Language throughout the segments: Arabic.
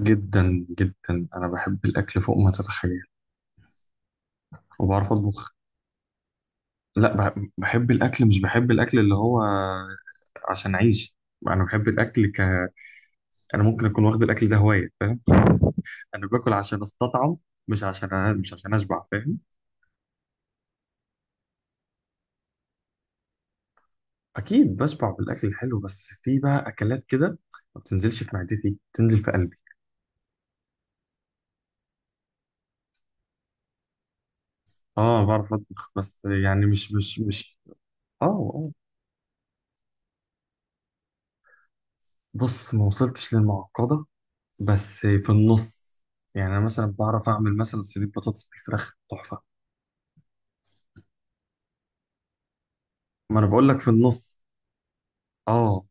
جدا جدا، انا بحب الاكل فوق ما تتخيل. وبعرف اطبخ. لا، بحب الاكل، مش بحب الاكل اللي هو عشان اعيش. انا بحب الاكل ك. انا ممكن اكون واخد الاكل ده هوايه، فاهم. انا باكل عشان استطعم، مش عشان اشبع، فاهم. اكيد بشبع بالاكل الحلو، بس في بقى اكلات كده ما بتنزلش في معدتي، تنزل في قلبي. اه، بعرف اطبخ، بس يعني مش. اه، اه. بص، ما وصلتش للمعقده، بس في النص. يعني انا مثلا بعرف اعمل مثلا صينيه بطاطس بالفراخ تحفه. ما انا بقول لك في النص. اه،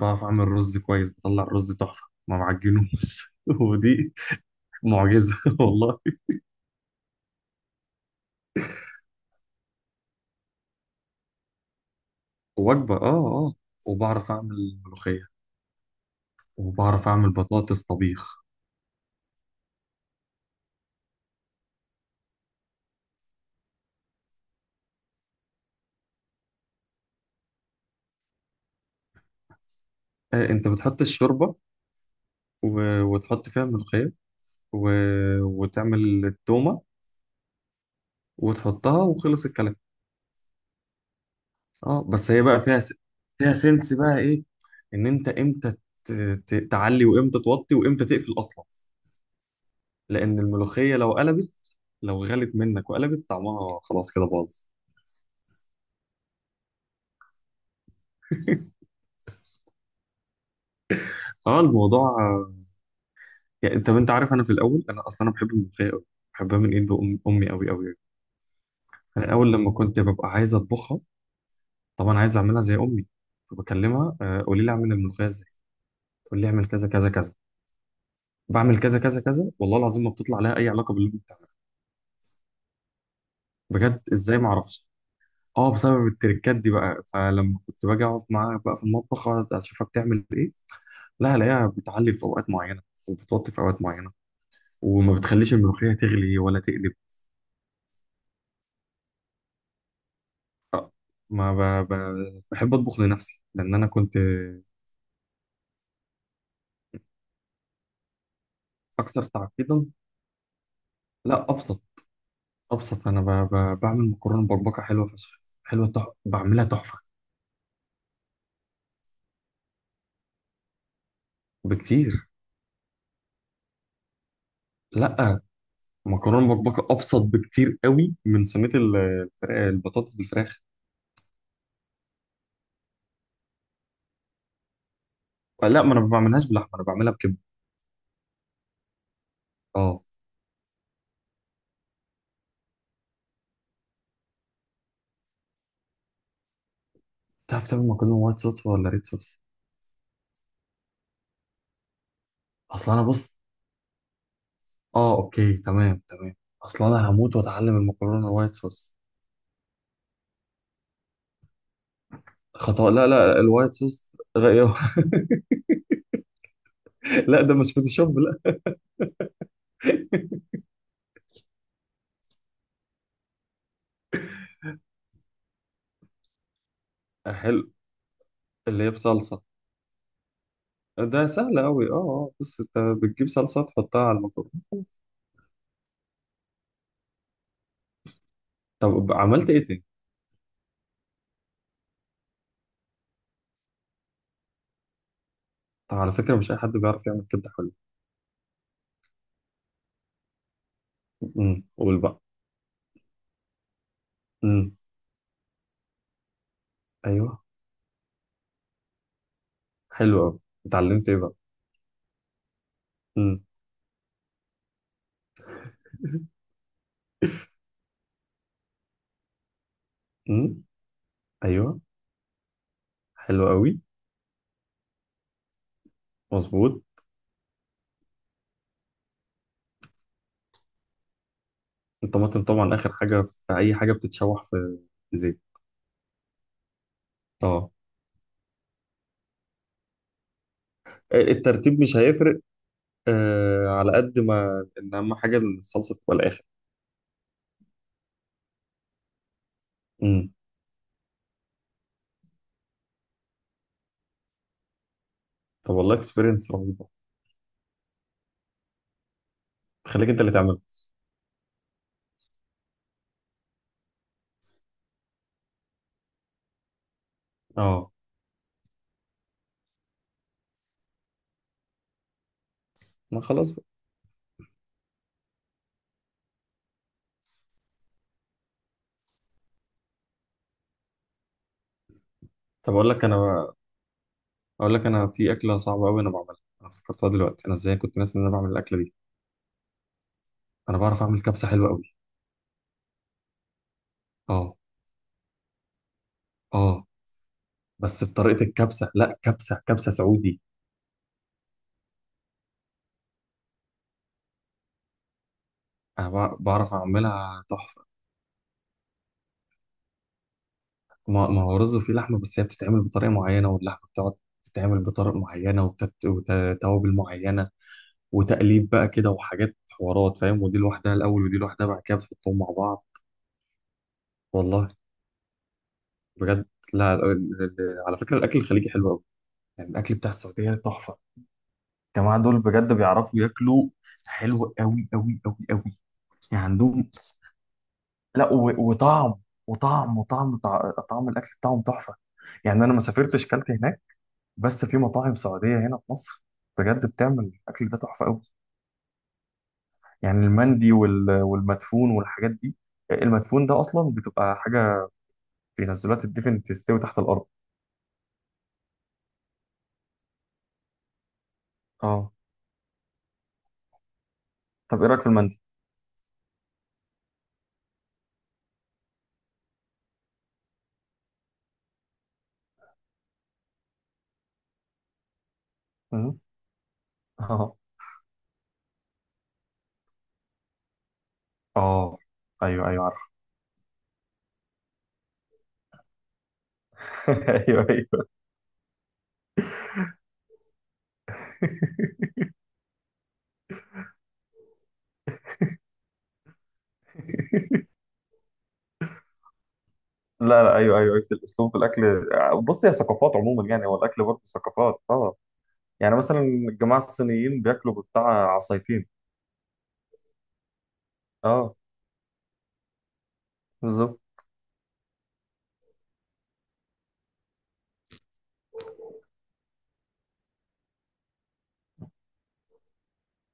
بعرف اعمل رز كويس، بطلع الرز تحفه ما بعجنوش. ودي معجزه والله. وجبه، اه. اه، وبعرف اعمل ملوخيه. وبعرف اعمل بطاطس طبيخ. آه، انت بتحط الشوربه، وتحط فيها الملوخيه. و... وتعمل التومه، وتحطها، وخلص الكلام. اه، بس هي بقى فيها سنس بقى ايه. ان انت امتى ت... تعلي، وامتى توطي، وامتى تقفل اصلا. لان الملوخيه لو قلبت، لو غلت منك وقلبت طعمها خلاص كده باظ. اه، الموضوع. يعني انت عارف، انا في الاول انا اصلا انا بحب الملوخيه قوي. بحبها من ايد امي قوي قوي. انا اول لما كنت ببقى عايز اطبخها، طبعا عايز اعملها زي امي، فبكلمها. قولي لي اعمل الملوخيه ازاي. تقول لي اعمل كذا كذا كذا، بعمل كذا كذا كذا، والله العظيم ما بتطلع لها اي علاقه باللي أنت بتعمله. بجد، ازاي ما اعرفش. اه، بسبب التركات دي بقى. فلما كنت باجي اقعد معاها بقى في المطبخ، أقعد اشوفها بتعمل ايه. لا، الاقيها بتعلي في اوقات معينه، وبتوطي في اوقات معينه، وما بتخليش الملوخيه تغلي ولا تقلب. آه، ما ب... ب... بحب اطبخ لنفسي، لان انا كنت. اكثر تعقيدا؟ لا، ابسط. ابسط. انا بعمل مكرونه بربكه حلوه فشخ، حلوه، بعملها تحفه. بكتير. لا، مكرونه بربكه ابسط بكتير قوي من صينيه البطاطس بالفراخ. لا، ما انا ما بعملهاش بلحمه، انا بعملها بكبده. اه. تعرف تعمل مكرونه وايت صوص ولا ريد صوص؟ اصل انا، بص. اه، اوكي، تمام تمام. اصل انا هموت واتعلم المكرونه الوايت صوص. خطأ. لا لا، الوايت صوص. غير. لا، ده مش فوتوشوب، لا. آه، حلو. اللي هي بصلصه. ده سهل قوي. اه، اه. بس انت بتجيب صلصه تحطها على المكرونه. طب عملت ايه تاني؟ طب على فكره، مش اي حد بيعرف يعمل كبده حلوه. قول بقى. امم. ايوه، حلو قوي. اتعلمت ايه بقى؟ امم. امم. ايوه. حلو قوي. مظبوط. الطماطم طبعا اخر حاجه في اي حاجه بتتشوح في في زيت. اه. الترتيب مش هيفرق. آه، على قد ما ان اهم حاجه الصلصه تبقى الاخر. امم. طب والله اكسبيرينس رهيبه. تخليك انت اللي تعملها. اه. ما خلاص بقى. طب اقول لك انا بقى، اقول لك، انا في اكله صعبه قوي انا بعملها، انا افتكرتها دلوقتي، انا ازاي كنت ناسي ان انا بعمل الاكله دي. انا بعرف اعمل كبسه حلوه قوي. اه. اه، بس بطريقه الكبسه. لا، كبسه كبسه سعودي. انا بعرف اعملها تحفه. ما هو رز فيه لحمة، بس هي بتتعمل بطريقة معينة، واللحمة بتقعد تتعمل بطرق معينة، وتوابل معينة، وتقليب بقى كده وحاجات حوارات، فاهم. ودي لوحدها الأول، ودي لوحدها بعد كده بتحطهم مع بعض. والله. بجد. لا، على فكرة، الأكل الخليجي حلو أوي. يعني الأكل بتاع السعودية تحفة. الجماعة دول بجد بيعرفوا ياكلوا. حلو أوي أوي أوي أوي. يعني عندهم. لا، وطعم. طعم الأكل بتاعهم تحفة. يعني أنا ما سافرتش كلت هناك، بس في مطاعم سعودية هنا في مصر بجد بتعمل الأكل ده تحفة أوي. يعني المندي والمدفون والحاجات دي. المدفون ده أصلا بتبقى حاجة بينزلوها تدفن، تستوي تحت الأرض. اه. طب إيه رأيك في المندي؟ مم. اه، اه، أيوه، أيوه، عارف. أيوه، أيوه. لا لا، أيوه أيوه أيوه، في الأسلوب في الأكل. بص، هي ثقافات عموما، يعني هو الأكل برضه ثقافات، اه. يعني مثلا الجماعة الصينيين بياكلوا بتاع عصايتين. اه، بالظبط.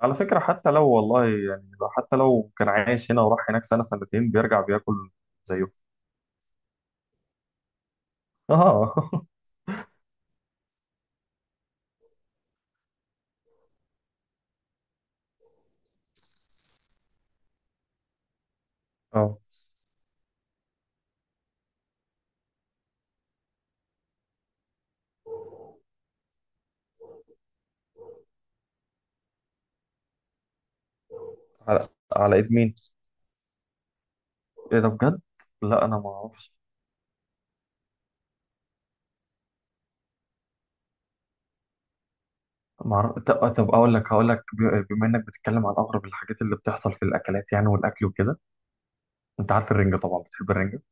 على فكرة، حتى لو، والله يعني، لو حتى لو كان عايش هنا وراح هناك سنة سنتين، بيرجع بياكل زيهم. اه. اه، على على ايد مين؟ ايه ده بجد؟ لا، انا ما اعرفش. ما اعرف. طب اقول لك. هقول لك، بما انك بتتكلم عن اغرب الحاجات اللي بتحصل في الاكلات، يعني والاكل وكده، انت عارف الرنجة طبعا. بتحب الرنجة؟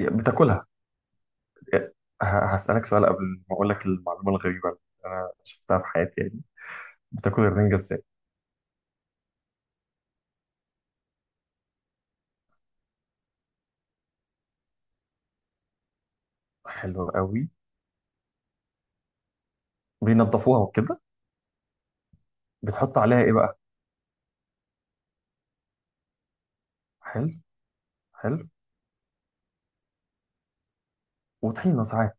بتاكلها؟ إيه، ه- هسألك سؤال قبل ما اقول لك المعلومة الغريبة اللي انا شفتها في حياتي، يعني بتاكل الرنجة ازاي؟ حلو قوي. بينضفوها وكده. بتحط عليها ايه بقى؟ حلو. حلو وطحينة ساعات.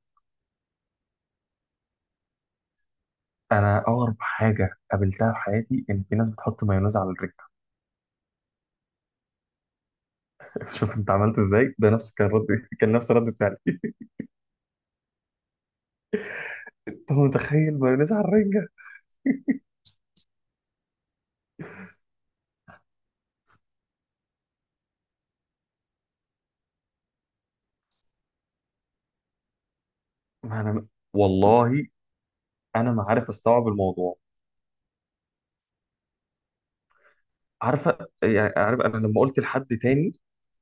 أنا أغرب حاجة قابلتها في حياتي، إن في ناس بتحط مايونيز على الرنجة. شفت أنت عملت إزاي؟ ده نفس كان رد. كان نفس ردة فعلي. أنت متخيل مايونيز على الرنجة؟ ما أنا، والله أنا ما عارف أستوعب الموضوع. عارفة، يعني عارف، أنا لما قلت لحد تاني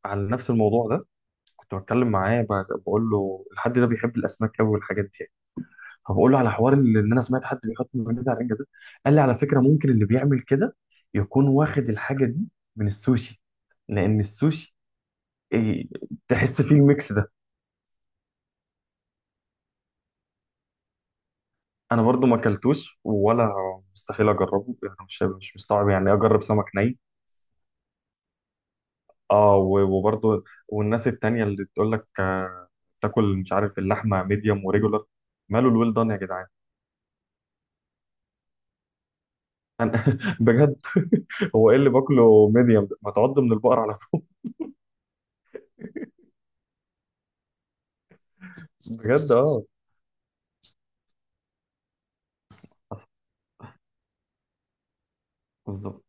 على نفس الموضوع ده، كنت بتكلم معاه، بقول له الحد ده بيحب الأسماك أوي والحاجات دي. فبقول له على حوار اللي ان انا سمعت حد بيحط مايونيز على الرنجه ده. قال لي على فكره، ممكن اللي بيعمل كده يكون واخد الحاجه دي من السوشي، لان السوشي، إيه، تحس فيه الميكس ده. انا برضو ما اكلتوش، ولا مستحيل اجربه، يعني مش مستوعب يعني إيه اجرب سمك ني. اه، وبرضو، والناس التانية اللي تقول لك، تاكل، مش عارف، اللحمه ميديوم وريجولار. ماله الويل دان يا جدعان. انا بجد. هو ايه اللي باكله ميديوم ده؟ ما تعض من البقر على طول. بجد، اه. حصل. بالظبط.